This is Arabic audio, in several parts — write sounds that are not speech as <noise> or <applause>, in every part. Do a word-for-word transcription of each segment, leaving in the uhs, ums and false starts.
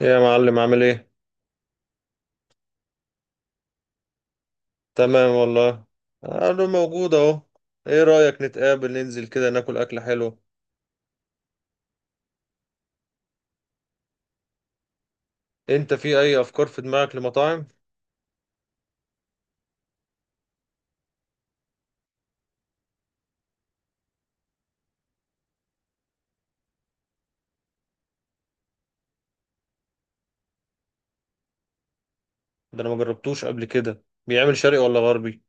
إيه يا معلم، عامل ايه؟ تمام والله. انا موجود اهو. ايه رأيك نتقابل ننزل كده ناكل اكل حلو؟ انت في اي افكار في دماغك لمطاعم؟ ده انا ما جربتوش قبل كده، بيعمل شرقي ولا غربي؟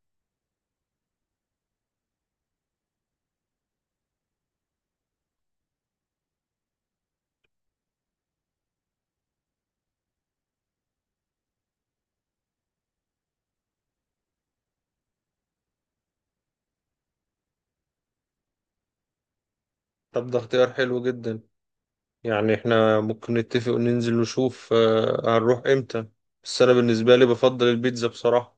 طب ده اختيار حلو جدا. يعني احنا ممكن نتفق وننزل نشوف، آه، هنروح امتى. بس انا بالنسبة لي بفضل البيتزا بصراحة.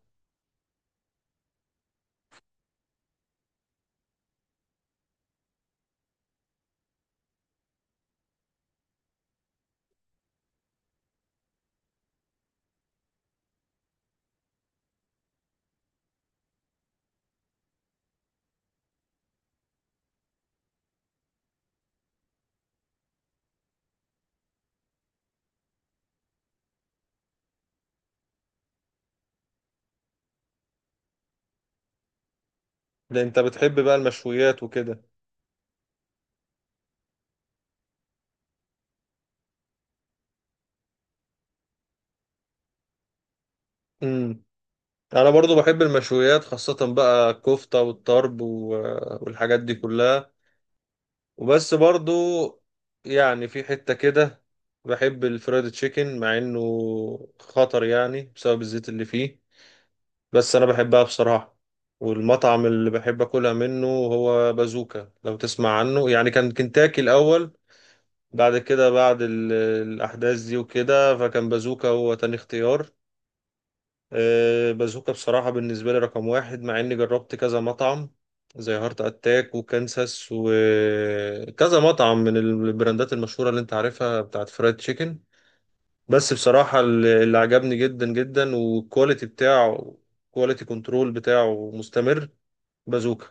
ده انت بتحب بقى المشويات وكده. امم انا برضو بحب المشويات، خاصة بقى الكفتة والطرب و- والحاجات دي كلها. وبس برضو، يعني في حتة كده بحب الفرايد تشيكن مع انه خطر يعني بسبب الزيت اللي فيه، بس انا بحبها بصراحة. والمطعم اللي بحب اكلها منه هو بازوكا، لو تسمع عنه يعني. كان كنتاكي الاول، بعد كده بعد ال- الاحداث دي وكده، فكان بازوكا هو تاني اختيار. آه، بازوكا بصراحة بالنسبة لي رقم واحد، مع إني جربت كذا مطعم زي هارت أتاك وكانساس وكذا مطعم من البراندات المشهورة اللي أنت عارفها بتاعت فرايد تشيكن. بس بصراحة اللي اللي عجبني جدا جدا، والكواليتي بتاعه، كواليتي كنترول بتاعه مستمر، بازوكا.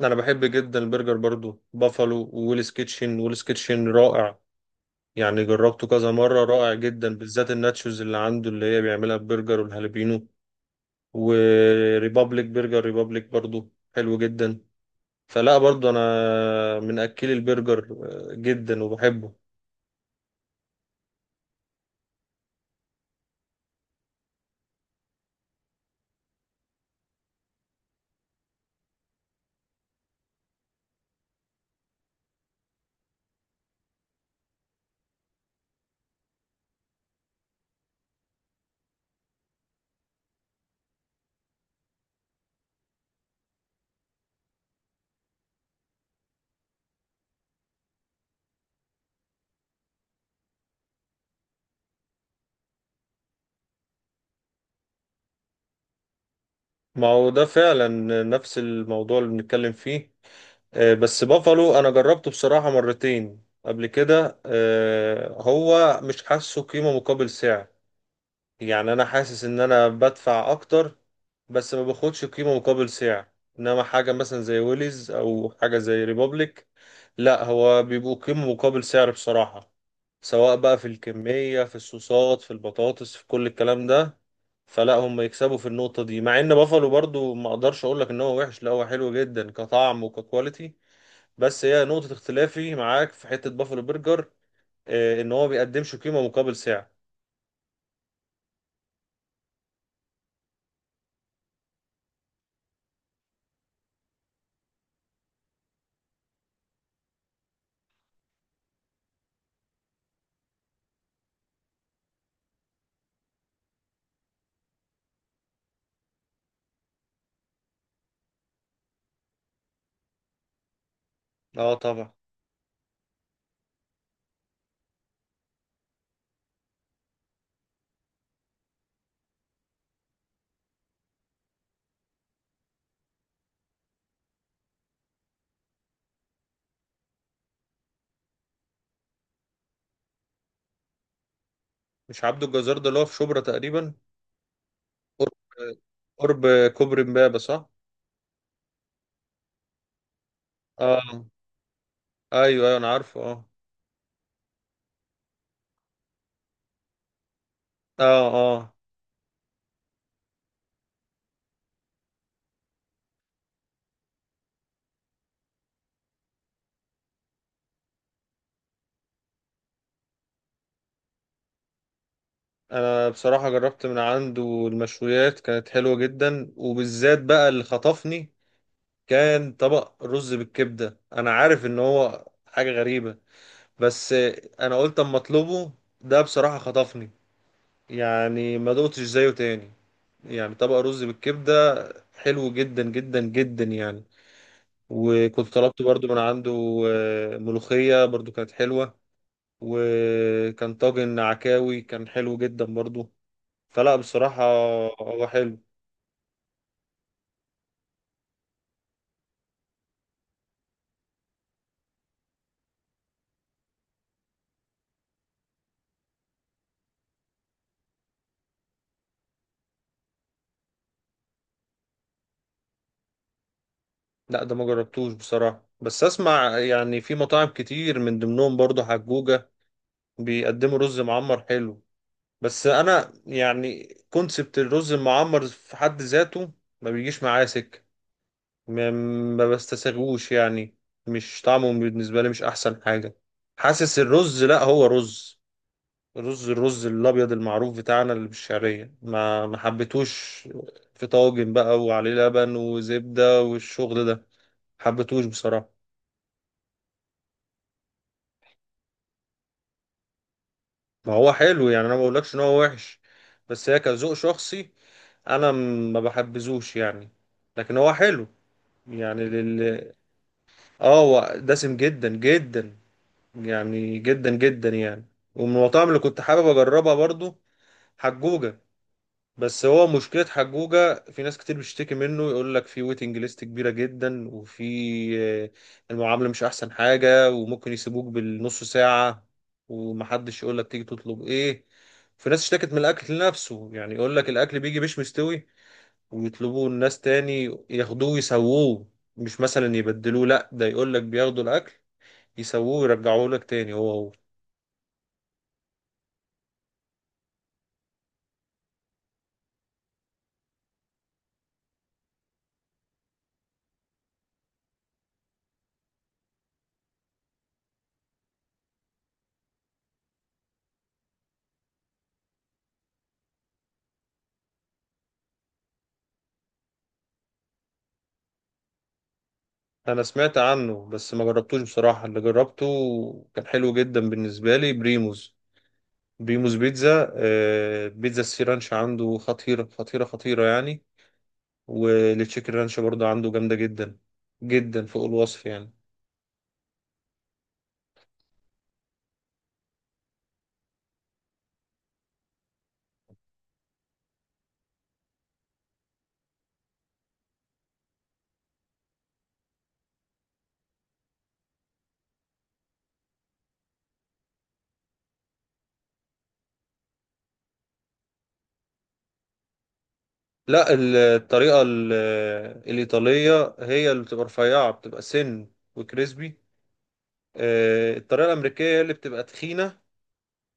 أنا بحب جدا البرجر برضو، بافالو وويلز كيتشن. ويلز كيتشن رائع، يعني جربته كذا مرة رائع جدا، بالذات الناتشوز اللي عنده اللي هي بيعملها ببرجر والهالبينو. وريبابليك برجر، ريبابليك برضو حلو جدا. فلا برضو انا من اكلي البرجر، آه، جدا وبحبه. ما هو ده فعلا نفس الموضوع اللي بنتكلم فيه. آه، بس بافالو انا جربته بصراحة مرتين قبل كده، آه، هو مش حاسه قيمة مقابل سعر. يعني انا حاسس ان انا بدفع اكتر بس ما باخدش قيمة مقابل سعر. انما حاجة مثلا زي ويليز او حاجة زي ريبوبليك، لا هو بيبقوا قيمة مقابل سعر بصراحة، سواء بقى في الكمية في الصوصات في البطاطس في كل الكلام ده. فلا هم يكسبوا في النقطة دي، مع ان بافالو برضو ما اقدرش اقول لك ان هو وحش، لا هو حلو جدا كطعم وككواليتي، بس هي نقطة اختلافي معاك في حتة بافالو برجر، آه، ان هو بيقدمش قيمة مقابل سعر. اه طبعا. مش عبده الجزار ده اللي هو في شبرا تقريبا؟ قرب قرب كوبري امبابة صح؟ اه، ايوه ايوه انا عارفه، اه. اه اه. انا بصراحة جربت من عنده المشويات، كانت حلوة جدا، وبالذات بقى اللي خطفني كان طبق رز بالكبدة. انا عارف ان هو حاجة غريبة، بس انا قلت اما اطلبه. ده بصراحة خطفني، يعني ما دقتش زيه تاني. يعني طبق رز بالكبدة حلو جدا جدا جدا يعني. وكنت طلبت برضو من عنده آه، ملوخية برضو كانت حلوة، وكان طاجن عكاوي كان حلو جدا برضو. فلا بصراحة هو حلو. لا ده ما جربتوش بصراحة، بس اسمع يعني في مطاعم كتير من ضمنهم برضو حجوجة بيقدموا رز معمر حلو. بس انا يعني كونسبت الرز المعمر في حد ذاته ما بيجيش معايا سكة، ما ما بستساغوش يعني. مش طعمه بالنسبة لي مش احسن حاجة. حاسس الرز لا هو رز رز الرز الابيض المعروف بتاعنا اللي بالشعريه ما ما حبيتوش. في طاجن بقى وعليه لبن وزبده والشغل ده، حبيتوش بصراحه. ما هو حلو يعني، انا ما بقولكش ان هو وحش بس هي كذوق شخصي. انا م- ما بحبذوش يعني، لكن هو حلو يعني. لل... اه، هو دسم جدا جدا يعني، جدا جدا يعني. ومن المطاعم اللي كنت حابب اجربها برضو حجوجة، بس هو مشكلة حجوجة في ناس كتير بتشتكي منه، يقول لك في ويتنج ليست كبيرة جدا، وفي آه، المعاملة مش أحسن حاجة، وممكن يسيبوك بالنص ساعة ومحدش يقول لك تيجي تطلب إيه. في ناس اشتكت من الأكل نفسه يعني، يقول لك الأكل بيجي مش مستوي ويطلبوه الناس تاني ياخدوه يسووه، مش مثلا يبدلوه، لأ ده يقول لك بياخدوا الأكل يسووه ويرجعوه لك تاني هو هو. انا سمعت عنه بس ما جربتوش بصراحة، اللي جربته كان حلو جدا بالنسبة لي بريموز. بيموس بيتزا، آه، بيتزا السي رانش عنده خطيرة خطيرة خطيرة يعني، والتشيكن رانش برضه عنده جامدة جدا، جدا فوق الوصف يعني. لا ال- الطريقة ال- الإيطالية هي اللي بتبقى رفيعة، بتبقى سن وكريسبي. آه، الطريقة الأمريكية هي اللي بتبقى تخينة،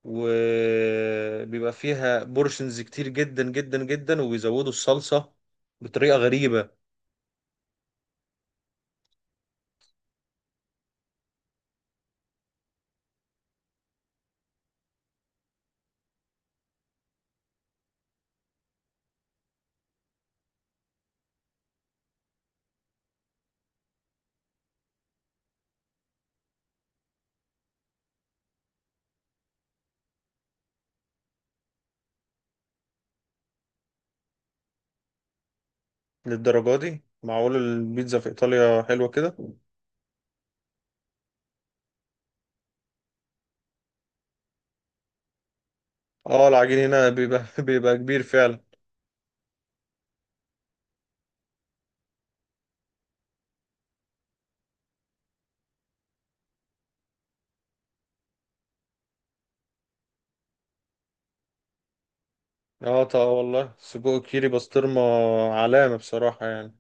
وبيبقى فيها بورشنز كتير جدا جدا جدا، وبيزودوا الصلصة بطريقة غريبة. للدرجة دي معقول البيتزا في إيطاليا حلوة كده؟ اه، العجين هنا بيبقى <laughs> بيبقى كبير فعلا. اه طبعا والله، سجق كيري بسطرمة، علامة بصراحة يعني.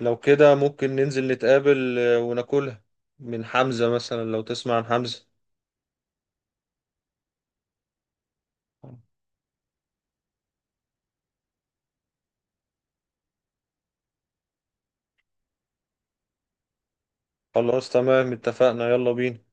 لو كده ممكن ننزل نتقابل، آه، وناكلها من حمزة مثلا، لو تسمع عن حمزة. خلاص تمام اتفقنا، يلا بينا.